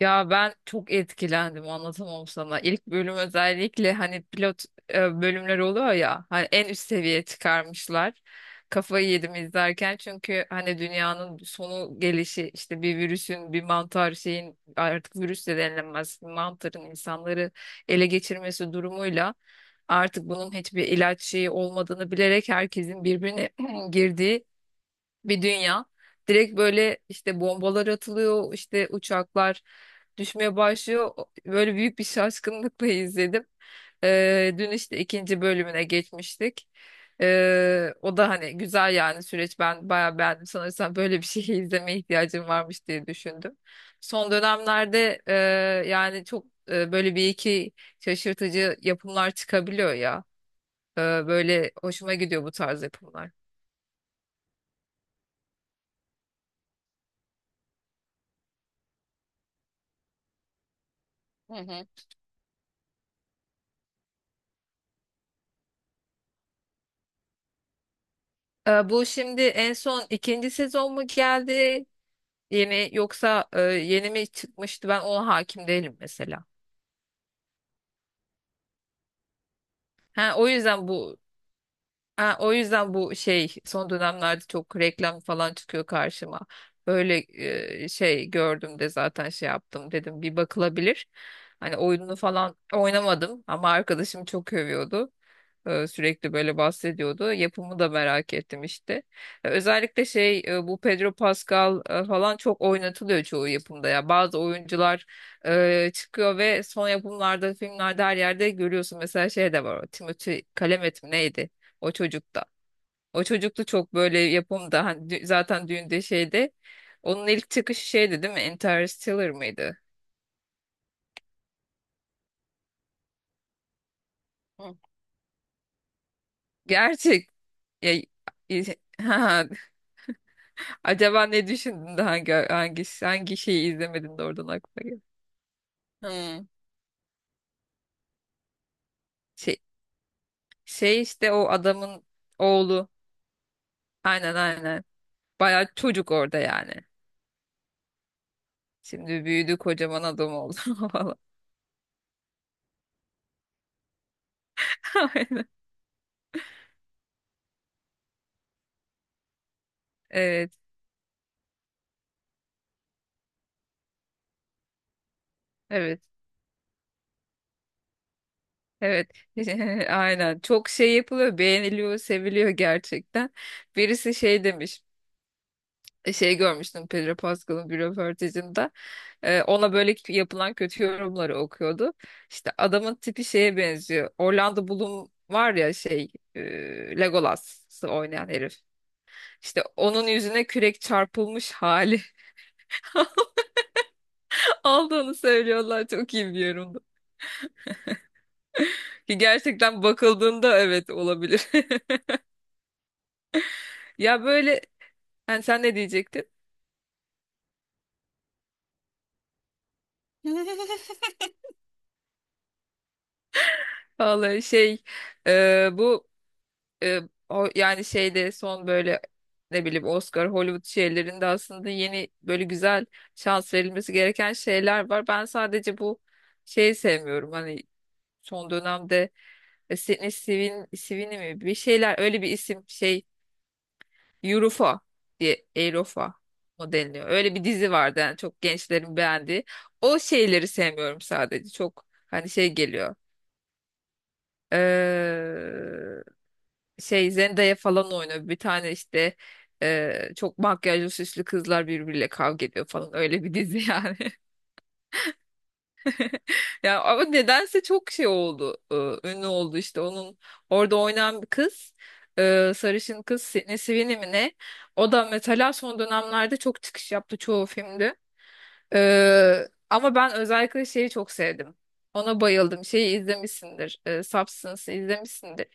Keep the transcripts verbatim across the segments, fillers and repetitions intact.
Ya ben çok etkilendim anlatamam sana. İlk bölüm özellikle hani pilot e, bölümler oluyor ya hani en üst seviyeye çıkarmışlar. Kafayı yedim izlerken çünkü hani dünyanın sonu gelişi işte bir virüsün bir mantar şeyin artık virüs de denilemez mantarın insanları ele geçirmesi durumuyla artık bunun hiçbir ilaç şeyi olmadığını bilerek herkesin birbirine girdiği bir dünya. Direkt böyle işte bombalar atılıyor, işte uçaklar düşmeye başlıyor. O- Böyle büyük bir şaşkınlıkla izledim. Ee, dün işte ikinci bölümüne geçmiştik. Ee, o da hani güzel yani süreç ben bayağı beğendim. Sanırsam böyle bir şey izlemeye ihtiyacım varmış diye düşündüm. Son dönemlerde e, yani çok e, böyle bir iki şaşırtıcı yapımlar çıkabiliyor ya. Ee, Böyle hoşuma gidiyor bu tarz yapımlar. Ee, bu şimdi en son ikinci sezon mu geldi? Yeni yoksa e, yeni mi çıkmıştı? Ben ona hakim değilim mesela. Ha, o yüzden bu Ha, o yüzden bu şey son dönemlerde çok reklam falan çıkıyor karşıma. Böyle e, şey gördüm de zaten şey yaptım dedim bir bakılabilir. Hani oyununu falan oynamadım ama arkadaşım çok övüyordu. E, sürekli böyle bahsediyordu. Yapımı da merak ettim işte. E, özellikle şey e, bu Pedro Pascal e, falan çok oynatılıyor çoğu yapımda ya. Bazı oyuncular e, çıkıyor ve son yapımlarda, filmlerde her yerde görüyorsun. Mesela şey de var. O Timothée Chalamet mi neydi? O çocukta. O çocuklu çok böyle yapımda hani dü- zaten düğünde şeyde onun ilk çıkışı şeydi değil mi? Interstellar mıydı? Hı. Gerçek. Ya, i- ha, acaba ne düşündün de hangi hangi hangi şeyi izlemedin de oradan aklına geldi. Hmm. Şey, şey işte o adamın oğlu. Aynen, aynen. Bayağı çocuk orada yani. Şimdi büyüdü kocaman adam oldu falan. Aynen. Evet. Evet. Evet, aynen. Çok şey yapılıyor, beğeniliyor, seviliyor gerçekten. Birisi şey demiş, e, şey görmüştüm Pedro Pascal'ın bir röportajında. Ee, ona böyle k- yapılan kötü yorumları okuyordu. İşte adamın tipi şeye benziyor. Orlando Bloom var ya şey, e, Legolas'ı oynayan herif. İşte onun yüzüne kürek çarpılmış hali aldığını söylüyorlar. Çok iyi bir yorumdu. Ki gerçekten bakıldığında evet olabilir. Ya böyle, yani sen ne diyecektin? Vallahi şey e, bu e, o, yani şeyde son böyle ne bileyim Oscar Hollywood şeylerinde aslında yeni böyle güzel şans verilmesi gereken şeyler var. Ben sadece bu şeyi sevmiyorum. Hani son dönemde e, Sydney Sweeney, Sweeney mi bir şeyler öyle bir isim şey Eurofa diye Eurofa mı deniliyor. Öyle bir dizi vardı yani çok gençlerin beğendiği. O şeyleri sevmiyorum sadece. Çok hani şey geliyor. Eee, şey Zendaya falan oynuyor. Bir tane işte e, çok makyajlı süslü kızlar birbiriyle kavga ediyor falan öyle bir dizi yani. Ya ama nedense çok şey oldu. e, ünlü oldu işte onun orada oynayan bir kız. e, sarışın kız Sydney Sweeney mi ne? O da mesela son dönemlerde çok çıkış yaptı çoğu filmde. E, ama ben özellikle şeyi çok sevdim. Ona bayıldım. Şeyi izlemişsindir. E, Substance'ı izlemişsindir.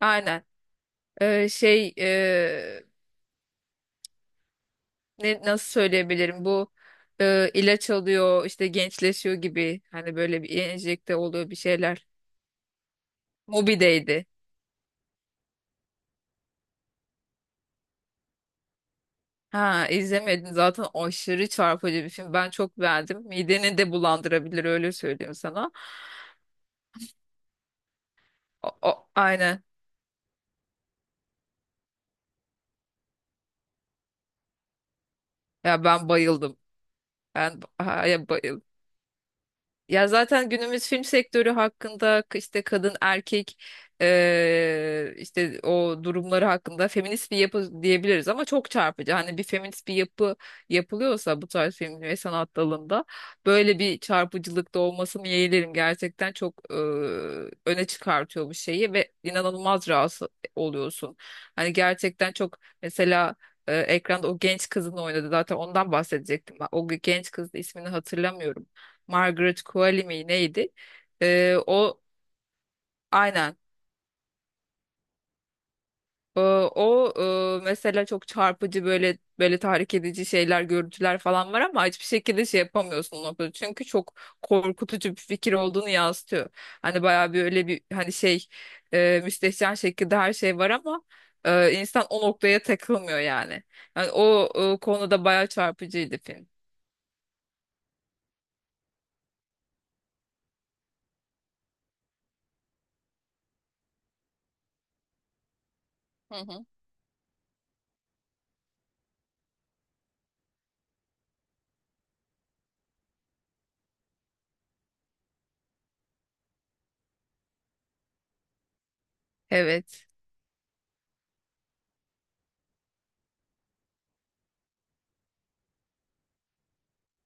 Aynen. E, şey ne, nasıl söyleyebilirim bu e, ilaç alıyor işte gençleşiyor gibi hani böyle bir enjekte oluyor bir şeyler. Mobi'deydi. Ha izlemedim zaten aşırı çarpıcı bir film. Ben çok beğendim. Mideni de bulandırabilir öyle söyleyeyim sana. O, o- aynen. Ya ben bayıldım. Ben ha- ya bayıldım. Ya zaten günümüz film sektörü hakkında k- işte kadın erkek eee, işte o durumları hakkında feminist bir yapı diyebiliriz ama çok çarpıcı. Hani bir feminist bir yapı yapılıyorsa bu tarz film ve sanat dalında böyle bir çarpıcılıkta olmasını yeğlerim. Gerçekten çok eee, öne çıkartıyor bu şeyi ve inanılmaz rahatsız oluyorsun. Hani gerçekten çok mesela eee, ekranda o genç kızın oynadı zaten ondan bahsedecektim ben. O genç kızın ismini hatırlamıyorum. Margaret Qualley mi neydi? Ee, o aynen. Ee, O e, mesela çok çarpıcı böyle böyle tahrik edici şeyler, görüntüler falan var ama hiçbir şekilde şey yapamıyorsun o noktada. Çünkü çok korkutucu bir fikir olduğunu yansıtıyor. Hani bayağı bir öyle bir hani şey e, müstehcen şekilde her şey var ama e, insan o noktaya takılmıyor yani. Yani o e, konuda bayağı çarpıcıydı film. Hı hı. Evet.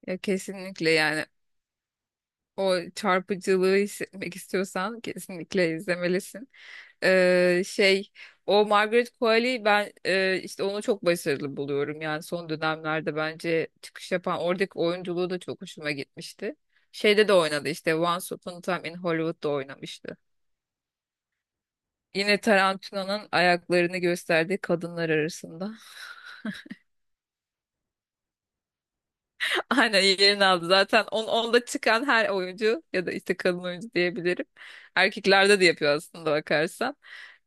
Ya kesinlikle, yani o çarpıcılığı hissetmek istiyorsan kesinlikle izlemelisin. Ee, şey o Margaret Qualley ben e, işte onu çok başarılı buluyorum. Yani son dönemlerde bence çıkış yapan oradaki oyunculuğu da çok hoşuma gitmişti. Şeyde de oynadı işte Once Upon a Time in Hollywood'da oynamıştı. Yine Tarantino'nun ayaklarını gösterdiği kadınlar arasında. Aynen yerini aldı zaten. On, onda çıkan her oyuncu ya da işte kadın oyuncu diyebilirim. Erkeklerde de yapıyor aslında bakarsan.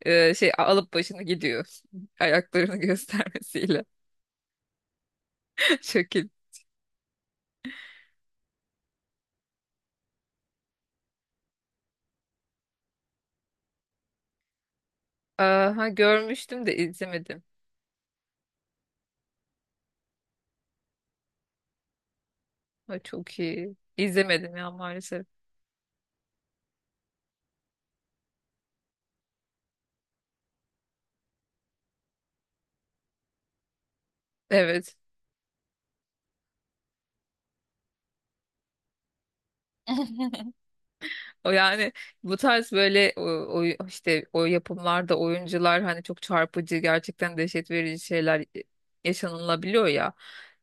Ee, şey alıp başını gidiyor. Ayaklarını göstermesiyle. Şekil. Aha, görmüştüm de izlemedim. Ay, çok iyi. İzlemedim ya maalesef. Evet. O yani bu tarz böyle o, o- işte o yapımlarda oyuncular hani çok çarpıcı gerçekten dehşet verici şeyler e, yaşanılabiliyor ya.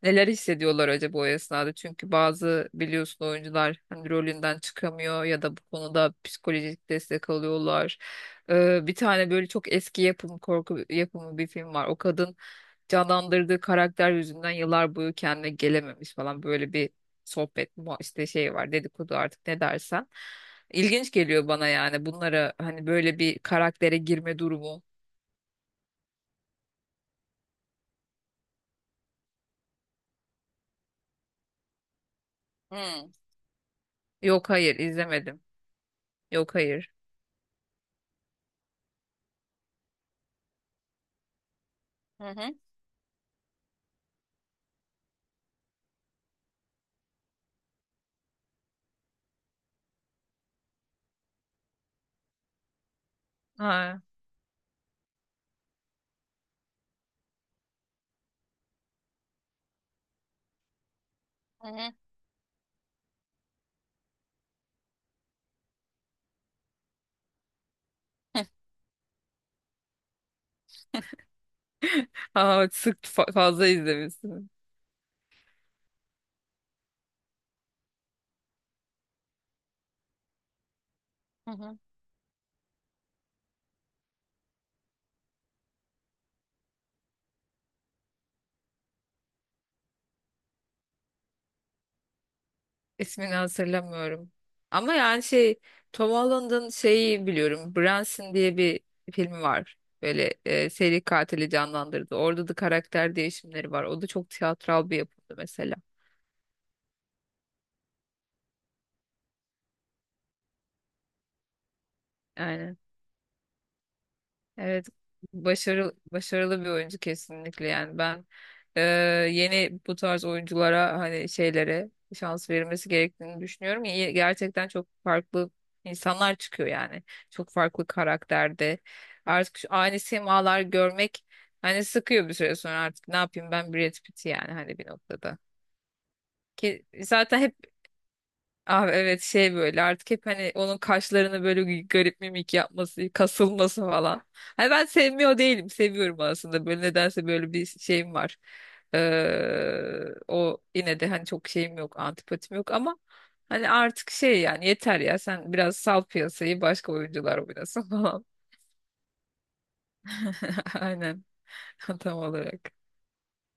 Neler hissediyorlar acaba o esnada? Çünkü bazı biliyorsun oyuncular hani rolünden çıkamıyor ya da bu konuda psikolojik destek alıyorlar. Ee, bir tane böyle çok eski yapım korku yapımı bir film var. O kadın canlandırdığı karakter yüzünden yıllar boyu kendine gelememiş falan böyle bir sohbet mu işte şey var dedikodu artık ne dersen. İlginç geliyor bana yani bunlara hani böyle bir karaktere girme durumu. Hmm. Yok, hayır izlemedim. Yok, hayır. Hı hı. Ha. Hı hı. Aa, sık fa- fazla izlemişsin. Hı hı. İsmini hatırlamıyorum. Ama yani şey Tom Holland'ın şeyi biliyorum. Branson diye bir filmi var. Böyle e, seri katili canlandırdı. Orada da karakter değişimleri var. O da çok tiyatral bir yapımdı mesela. Aynen. Evet, başarılı başarılı bir oyuncu kesinlikle, yani ben e, yeni bu tarz oyunculara hani şeylere şans verilmesi gerektiğini düşünüyorum. İyi- Gerçekten çok farklı insanlar çıkıyor yani. Çok farklı karakterde. Artık şu aynı simalar görmek hani sıkıyor bir süre sonra, artık ne yapayım ben Brad Pitt yani hani bir noktada. Ki zaten hep Abi evet şey böyle artık hep hani onun kaşlarını böyle g- garip mimik yapması, kasılması falan. Hani ben sevmiyor değilim. Seviyorum aslında. Böyle nedense böyle bir şeyim var. Ee, o yine de hani çok şeyim yok, antipatim yok ama hani artık şey yani yeter ya, sen biraz sal piyasayı başka oyuncular oynasın falan. Aynen. Tam olarak.